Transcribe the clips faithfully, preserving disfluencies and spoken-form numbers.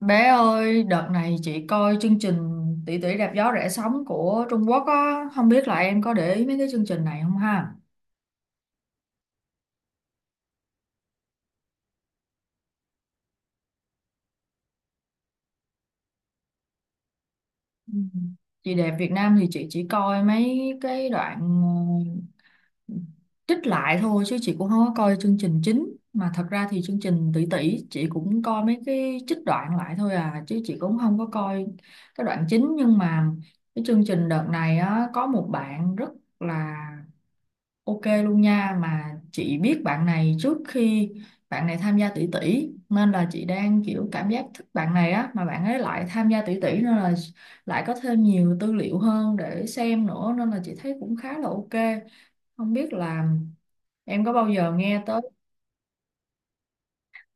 Bé ơi, đợt này chị coi chương trình Tỷ tỷ đạp gió rẽ sóng của Trung Quốc á, không biết là em có để ý mấy cái chương trình này không ha? Ừ. Chị đẹp Việt Nam thì chị chỉ coi mấy cái đoạn ờ, trích lại thôi chứ chị cũng không có coi chương trình chính. Mà thật ra thì chương trình Tỷ tỷ chị cũng coi mấy cái trích đoạn lại thôi à, chứ chị cũng không có coi cái đoạn chính, nhưng mà cái chương trình đợt này á có một bạn rất là ok luôn nha, mà chị biết bạn này trước khi bạn này tham gia tỷ tỷ, nên là chị đang kiểu cảm giác thích bạn này á, mà bạn ấy lại tham gia tỷ tỷ, nên là lại có thêm nhiều tư liệu hơn để xem nữa, nên là chị thấy cũng khá là ok. Không biết là em có bao giờ nghe tới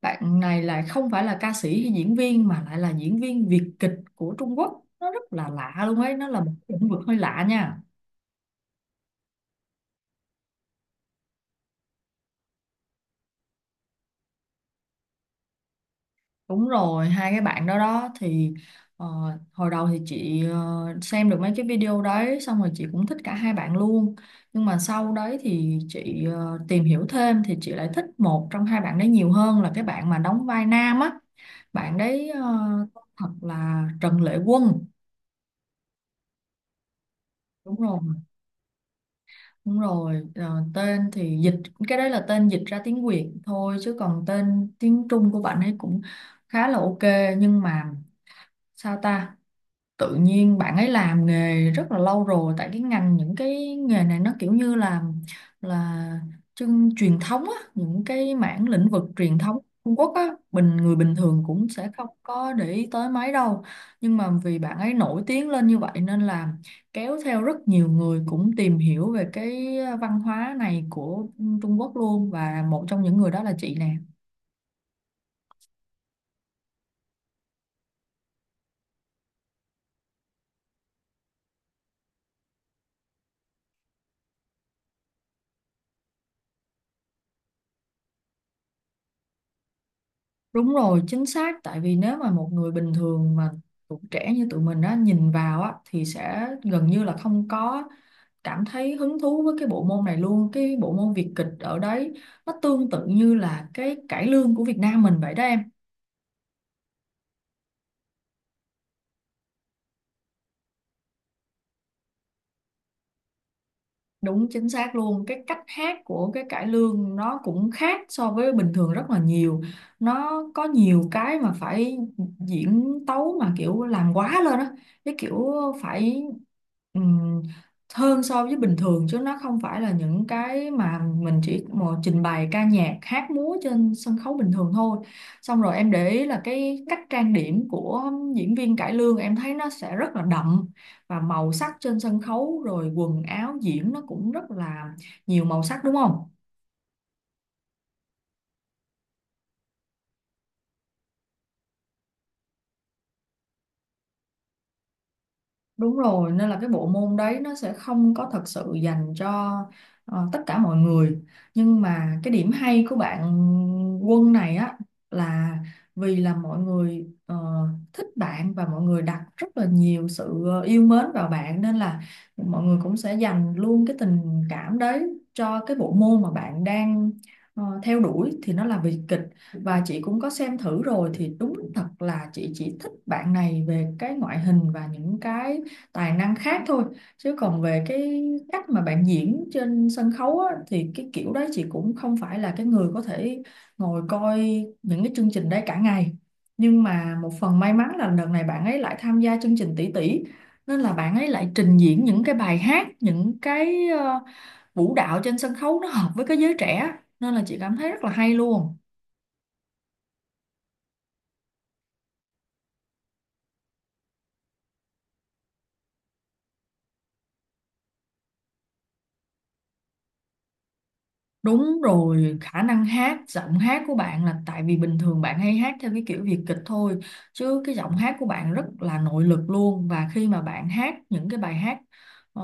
bạn này, là không phải là ca sĩ hay diễn viên mà lại là diễn viên Việt kịch của Trung Quốc. Nó rất là lạ luôn ấy, nó là một lĩnh vực hơi lạ nha. Đúng rồi, hai cái bạn đó đó thì ờ, hồi đầu thì chị ờ, xem được mấy cái video đấy, xong rồi chị cũng thích cả hai bạn luôn. Nhưng mà sau đấy thì chị ờ, tìm hiểu thêm thì chị lại thích một trong hai bạn đấy nhiều hơn, là cái bạn mà đóng vai nam á. Bạn đấy ờ, thật là Trần Lệ Quân. Đúng rồi, đúng rồi. Ờ, Tên thì dịch cái đấy là tên dịch ra tiếng Việt thôi, chứ còn tên tiếng Trung của bạn ấy cũng khá là ok, nhưng mà sao ta, tự nhiên bạn ấy làm nghề rất là lâu rồi, tại cái ngành những cái nghề này nó kiểu như là là chân truyền thống á, những cái mảng lĩnh vực truyền thống Trung Quốc á, bình người bình thường cũng sẽ không có để ý tới mấy đâu, nhưng mà vì bạn ấy nổi tiếng lên như vậy nên là kéo theo rất nhiều người cũng tìm hiểu về cái ờ, văn hóa này của Trung Quốc luôn, và một trong những người đó là chị nè. Đúng rồi, chính xác. Tại vì nếu mà một người bình thường mà tụi trẻ như tụi mình á, nhìn vào á, thì sẽ gần như là không có cảm thấy hứng thú với cái bộ môn này luôn. Cái bộ môn Việt kịch ở đấy nó tương tự như là cái cải lương của Việt Nam mình vậy đó em. Đúng chính xác luôn, cái cách hát của cái cải lương nó cũng khác so với bình thường rất là nhiều. Nó có nhiều cái mà phải diễn tấu mà kiểu làm quá lên á, cái kiểu phải ừm, hơn so với bình thường, chứ nó không phải là những cái mà mình chỉ một trình bày ca nhạc hát múa trên sân khấu bình thường thôi. Xong rồi em để ý là cái cách trang điểm của diễn viên cải lương, em thấy nó sẽ rất là đậm, và màu sắc trên sân khấu rồi quần áo diễn nó cũng rất là nhiều màu sắc, đúng không? Đúng rồi, nên là cái bộ môn đấy nó sẽ không có thật sự dành cho ờ, tất cả mọi người. Nhưng mà cái điểm hay của bạn Quân này á, là vì là mọi người ờ, thích bạn, và mọi người đặt rất là nhiều sự ờ, yêu mến vào bạn, nên là mọi người cũng sẽ dành luôn cái tình cảm đấy cho cái bộ môn mà bạn đang ờ, theo đuổi, thì nó là vì kịch. Và chị cũng có xem thử rồi thì đúng thật là chị chỉ thích bạn này về cái ngoại hình và những cái tài năng khác thôi, chứ còn về cái cách mà bạn diễn trên sân khấu á, thì cái kiểu đấy chị cũng không phải là cái người có thể ngồi coi những cái chương trình đấy cả ngày. Nhưng mà một phần may mắn là đợt này bạn ấy lại tham gia chương trình tỷ tỷ, nên là bạn ấy lại trình diễn những cái bài hát, những cái ờ, vũ đạo trên sân khấu nó hợp với cái giới trẻ, nên là chị cảm thấy rất là hay luôn. Đúng rồi, khả năng hát, giọng hát của bạn là tại vì bình thường bạn hay hát theo cái kiểu Việt kịch thôi, chứ cái giọng hát của bạn rất là nội lực luôn. Và khi mà bạn hát những cái bài hát ờ,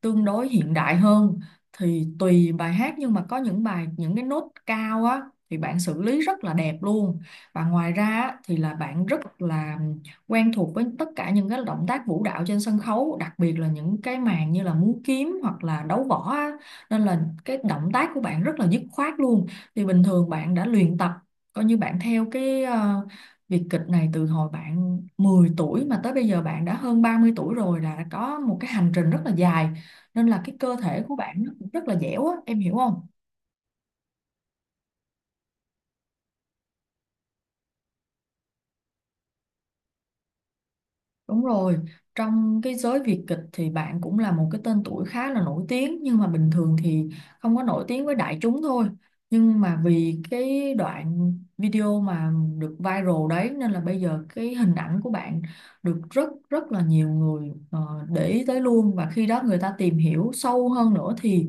tương đối hiện đại hơn, thì tùy bài hát, nhưng mà có những bài những cái nốt cao á, thì bạn xử lý rất là đẹp luôn. Và ngoài ra á, thì là bạn rất là quen thuộc với tất cả những cái động tác vũ đạo trên sân khấu, đặc biệt là những cái màn như là múa kiếm hoặc là đấu võ á, nên là cái động tác của bạn rất là dứt khoát luôn. Thì bình thường bạn đã luyện tập, coi như bạn theo cái ờ, việc kịch này từ hồi bạn mười tuổi, mà tới bây giờ bạn đã hơn ba mươi tuổi rồi, là có một cái hành trình rất là dài, nên là cái cơ thể của bạn nó cũng rất là dẻo á, em hiểu không? Đúng rồi, trong cái giới Việt kịch thì bạn cũng là một cái tên tuổi khá là nổi tiếng, nhưng mà bình thường thì không có nổi tiếng với đại chúng thôi. Nhưng mà vì cái đoạn video mà được viral đấy, nên là bây giờ cái hình ảnh của bạn được rất rất là nhiều người ờ, để ý tới luôn, và khi đó người ta tìm hiểu sâu hơn nữa, thì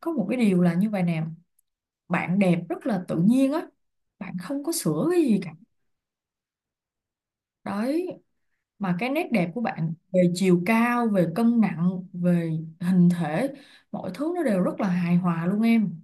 có một cái điều là như vậy nè, bạn đẹp rất là tự nhiên á, bạn không có sửa cái gì cả. Đấy, mà cái nét đẹp của bạn về chiều cao, về cân nặng, về hình thể, mọi thứ nó đều rất là hài hòa luôn em.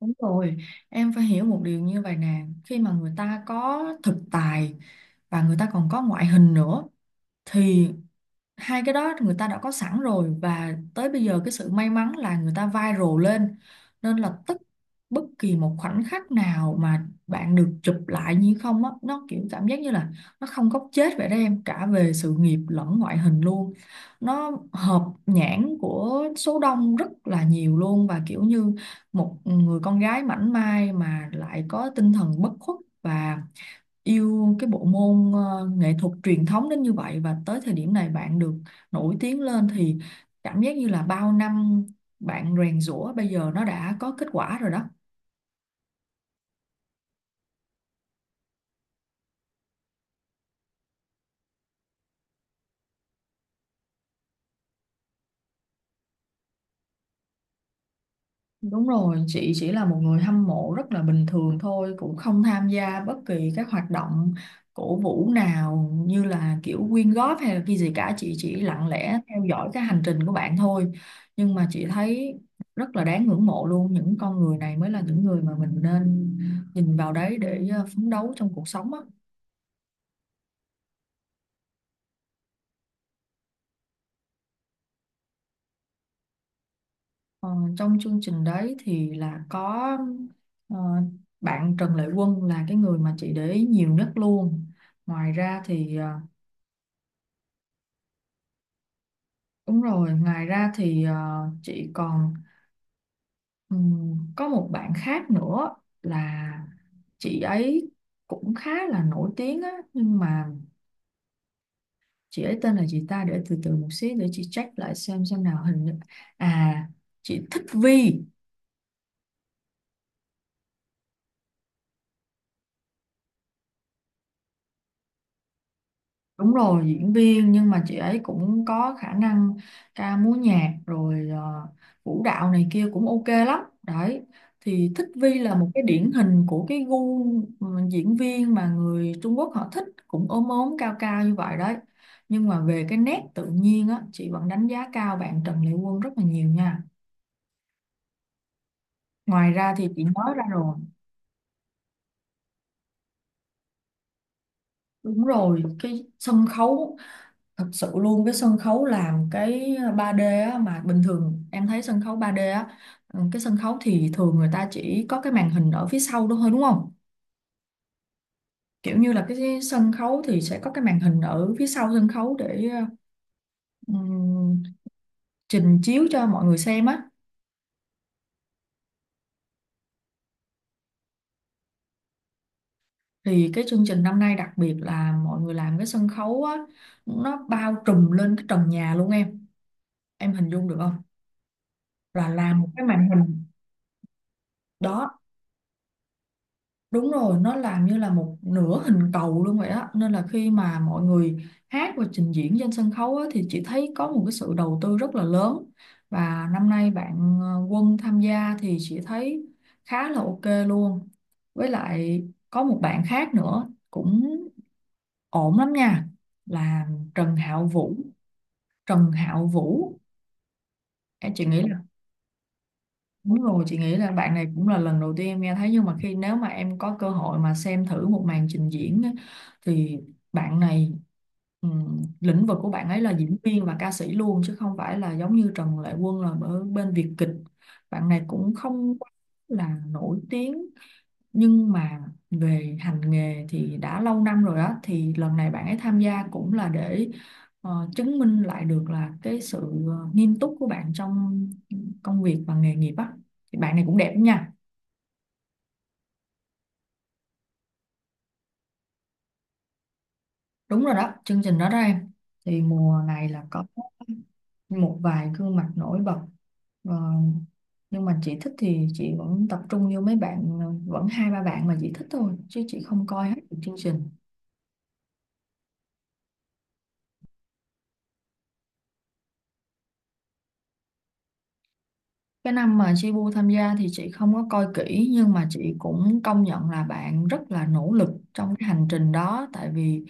Đúng rồi, em phải hiểu một điều như vậy nè, khi mà người ta có thực tài và người ta còn có ngoại hình nữa, thì hai cái đó người ta đã có sẵn rồi, và tới bây giờ cái sự may mắn là người ta viral lên, nên là tức bất kỳ một khoảnh khắc nào mà bạn được chụp lại như không á, nó kiểu cảm giác như là nó không góc chết vậy đó em, cả về sự nghiệp lẫn ngoại hình luôn. Nó hợp nhãn của số đông rất là nhiều luôn, và kiểu như một người con gái mảnh mai mà lại có tinh thần bất khuất và yêu cái bộ môn ờ, nghệ thuật truyền thống đến như vậy, và tới thời điểm này bạn được nổi tiếng lên, thì cảm giác như là bao năm bạn rèn giũa, bây giờ nó đã có kết quả rồi đó. Đúng rồi, chị chỉ là một người hâm mộ rất là bình thường thôi, cũng không tham gia bất kỳ các hoạt động cổ vũ nào, như là kiểu quyên góp hay là cái gì cả, chị chỉ lặng lẽ theo dõi cái hành trình của bạn thôi. Nhưng mà chị thấy rất là đáng ngưỡng mộ luôn, những con người này mới là những người mà mình nên nhìn vào đấy để ờ, phấn đấu trong cuộc sống á. Ờ, trong chương trình đấy thì là có ờ, bạn Trần Lệ Quân là cái người mà chị để ý nhiều nhất luôn. Ngoài ra thì ờ, Đúng rồi, ngoài ra thì ờ, chị còn ừm, có một bạn khác nữa, là chị ấy cũng khá là nổi tiếng á, nhưng mà chị ấy tên là gì ta, để từ từ một xí để chị check lại xem xem nào. Hình như, à, chị thích Vi. Đúng rồi, diễn viên, nhưng mà chị ấy cũng có khả năng ca múa nhạc, rồi ờ, vũ đạo này kia cũng ok lắm. Đấy, thì Thích Vi là một cái điển hình của cái gu, ừ, diễn viên mà người Trung Quốc họ thích, cũng ốm ốm cao cao như vậy đấy. Nhưng mà về cái nét tự nhiên á, chị vẫn đánh giá cao bạn Trần Lệ Quân rất là nhiều nha. Ngoài ra thì chị nói ra rồi, đúng rồi, cái sân khấu thật sự luôn. Cái sân khấu làm cái ba D á, mà bình thường em thấy sân khấu ba D á, ừ, cái sân khấu thì thường người ta chỉ có cái màn hình ở phía sau đó thôi đúng không, kiểu như là cái sân khấu thì sẽ có cái màn hình ở phía sau sân khấu để ờ, ừm, trình chiếu cho mọi người xem á. Thì cái chương trình năm nay đặc biệt là mọi người làm cái sân khấu á, nó bao trùm lên cái trần nhà luôn em em hình dung được không, là làm một cái màn hình đó. Đúng rồi, nó làm như là một nửa hình cầu luôn vậy á. Nên là khi mà mọi người hát và trình diễn trên sân khấu á, thì chị thấy có một cái sự đầu tư rất là lớn. Và năm nay bạn ờ, Quân tham gia thì chị thấy khá là ok luôn. Với lại có một bạn khác nữa cũng ổn lắm nha. Là Trần Hạo Vũ. Trần Hạo Vũ, em chị nghĩ là đúng rồi, chị nghĩ là bạn này cũng là lần đầu tiên em nghe thấy, nhưng mà khi nếu mà em có cơ hội mà xem thử một màn trình diễn á, thì bạn này ừm, lĩnh vực của bạn ấy là diễn viên và ca sĩ luôn chứ không phải là giống như Trần Lệ Quân là ở bên Việt kịch. Bạn này cũng không quá là nổi tiếng, nhưng mà về hành nghề thì đã lâu năm rồi á, thì lần này bạn ấy tham gia cũng là để ờ, chứng minh lại được là cái sự ờ, nghiêm túc của bạn trong công việc và nghề nghiệp á, thì bạn này cũng đẹp lắm nha. Đúng rồi đó, chương trình đó đó em. Thì mùa này là có một vài gương mặt nổi bật. Ờ, nhưng mà chị thích thì chị vẫn tập trung như mấy bạn, ờ, vẫn hai ba bạn mà chị thích thôi, chứ chị không coi hết được chương trình. Cái năm mà Jibu tham gia thì chị không có coi kỹ, nhưng mà chị cũng công nhận là bạn rất là nỗ lực trong cái hành trình đó. Tại vì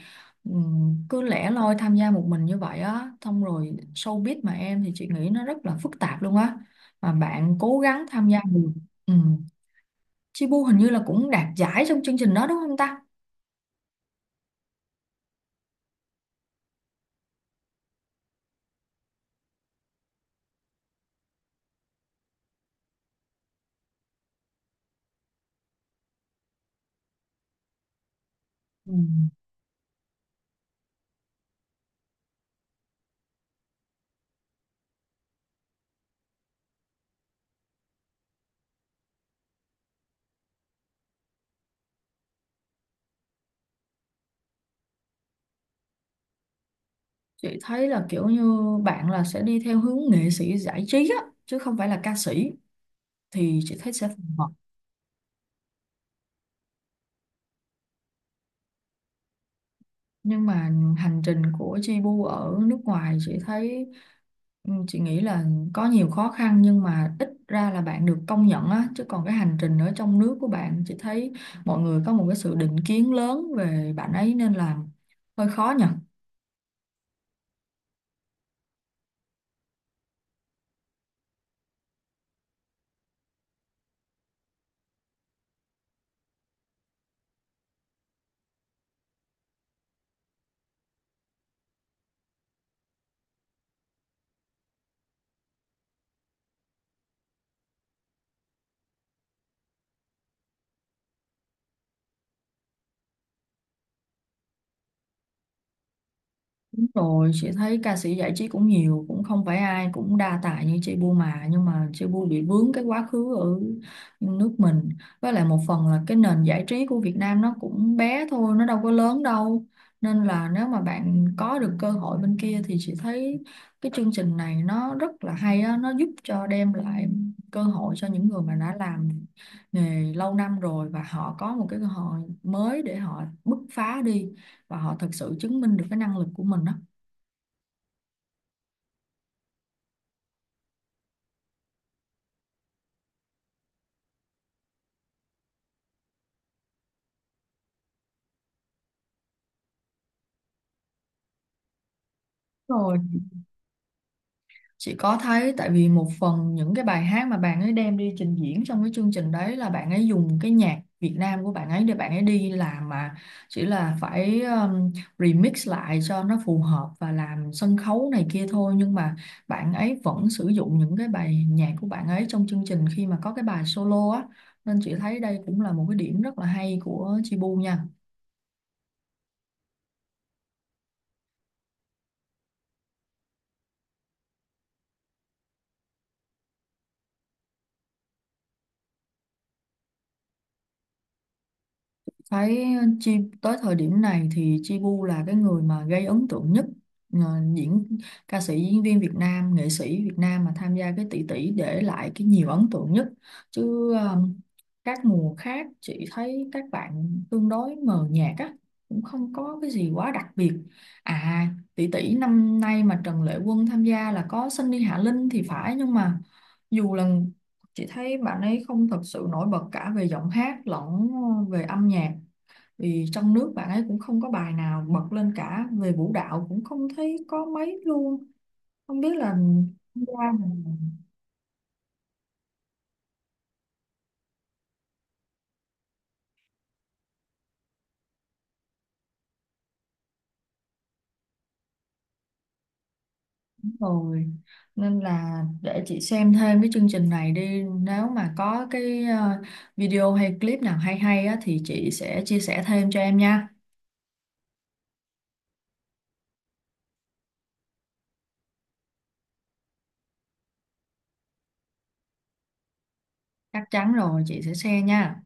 ừm, cứ lẻ loi tham gia một mình như vậy á, xong rồi showbiz mà em, thì chị nghĩ nó rất là phức tạp luôn á, mà bạn cố gắng tham gia được. Um, Jibu hình như là cũng đạt giải trong chương trình đó đúng không ta? Ừm, Chị thấy là kiểu như bạn là sẽ đi theo hướng nghệ sĩ giải trí á chứ không phải là ca sĩ, thì chị thấy sẽ phù hợp. Nhưng mà hành trình của Jebu ở nước ngoài chị thấy, ừ, chị nghĩ là có nhiều khó khăn, nhưng mà ít ra là bạn được công nhận á, chứ còn cái hành trình ở trong nước của bạn chị thấy mọi người có một cái sự định kiến lớn về bạn ấy, nên là hơi khó nhỉ. Đúng rồi, chị thấy ca sĩ giải trí cũng nhiều, cũng không phải ai cũng đa tài như chị Bu mà, nhưng mà chị Bu bị vướng cái quá khứ ở nước mình. Với lại một phần là cái nền giải trí của Việt Nam nó cũng bé thôi, nó đâu có lớn đâu. Nên là nếu mà bạn có được cơ hội bên kia thì chị thấy cái chương trình này nó rất là hay á, nó giúp cho đem lại cơ hội cho những người mà đã làm nghề lâu năm rồi, và họ có một cái cơ hội mới để họ bứt phá đi và họ thật sự chứng minh được cái năng lực của mình đó. Rồi, chị có thấy, tại vì một phần những cái bài hát mà bạn ấy đem đi trình diễn trong cái chương trình đấy là bạn ấy dùng cái nhạc Việt Nam của bạn ấy để bạn ấy đi làm mà, chỉ là phải um, remix lại cho nó phù hợp và làm sân khấu này kia thôi, nhưng mà bạn ấy vẫn sử dụng những cái bài nhạc của bạn ấy trong chương trình khi mà có cái bài solo á, nên chị thấy đây cũng là một cái điểm rất là hay của Chibu nha. Thấy Chi tới thời điểm này thì Chi Bu là cái người mà gây ấn tượng nhất, ờ, diễn, ca sĩ diễn viên Việt Nam, nghệ sĩ Việt Nam mà tham gia cái tỷ tỷ để lại cái nhiều ấn tượng nhất, chứ ờ, các mùa khác chị thấy các bạn tương đối mờ nhạt á, cũng không có cái gì quá đặc biệt. À, tỷ tỷ năm nay mà Trần Lệ Quân tham gia là có Sunny Hạ Linh thì phải, nhưng mà dù là chị thấy bạn ấy không thật sự nổi bật cả về giọng hát lẫn ờ, về âm nhạc, vì trong nước bạn ấy cũng không có bài nào bật lên, cả về vũ đạo cũng không thấy có mấy luôn, không biết là ra mình rồi. Nên là để chị xem thêm cái chương trình này đi, nếu mà có cái ờ, video hay clip nào hay hay á, thì chị sẽ chia sẻ thêm cho em nha, chắc chắn rồi, chị sẽ share nha.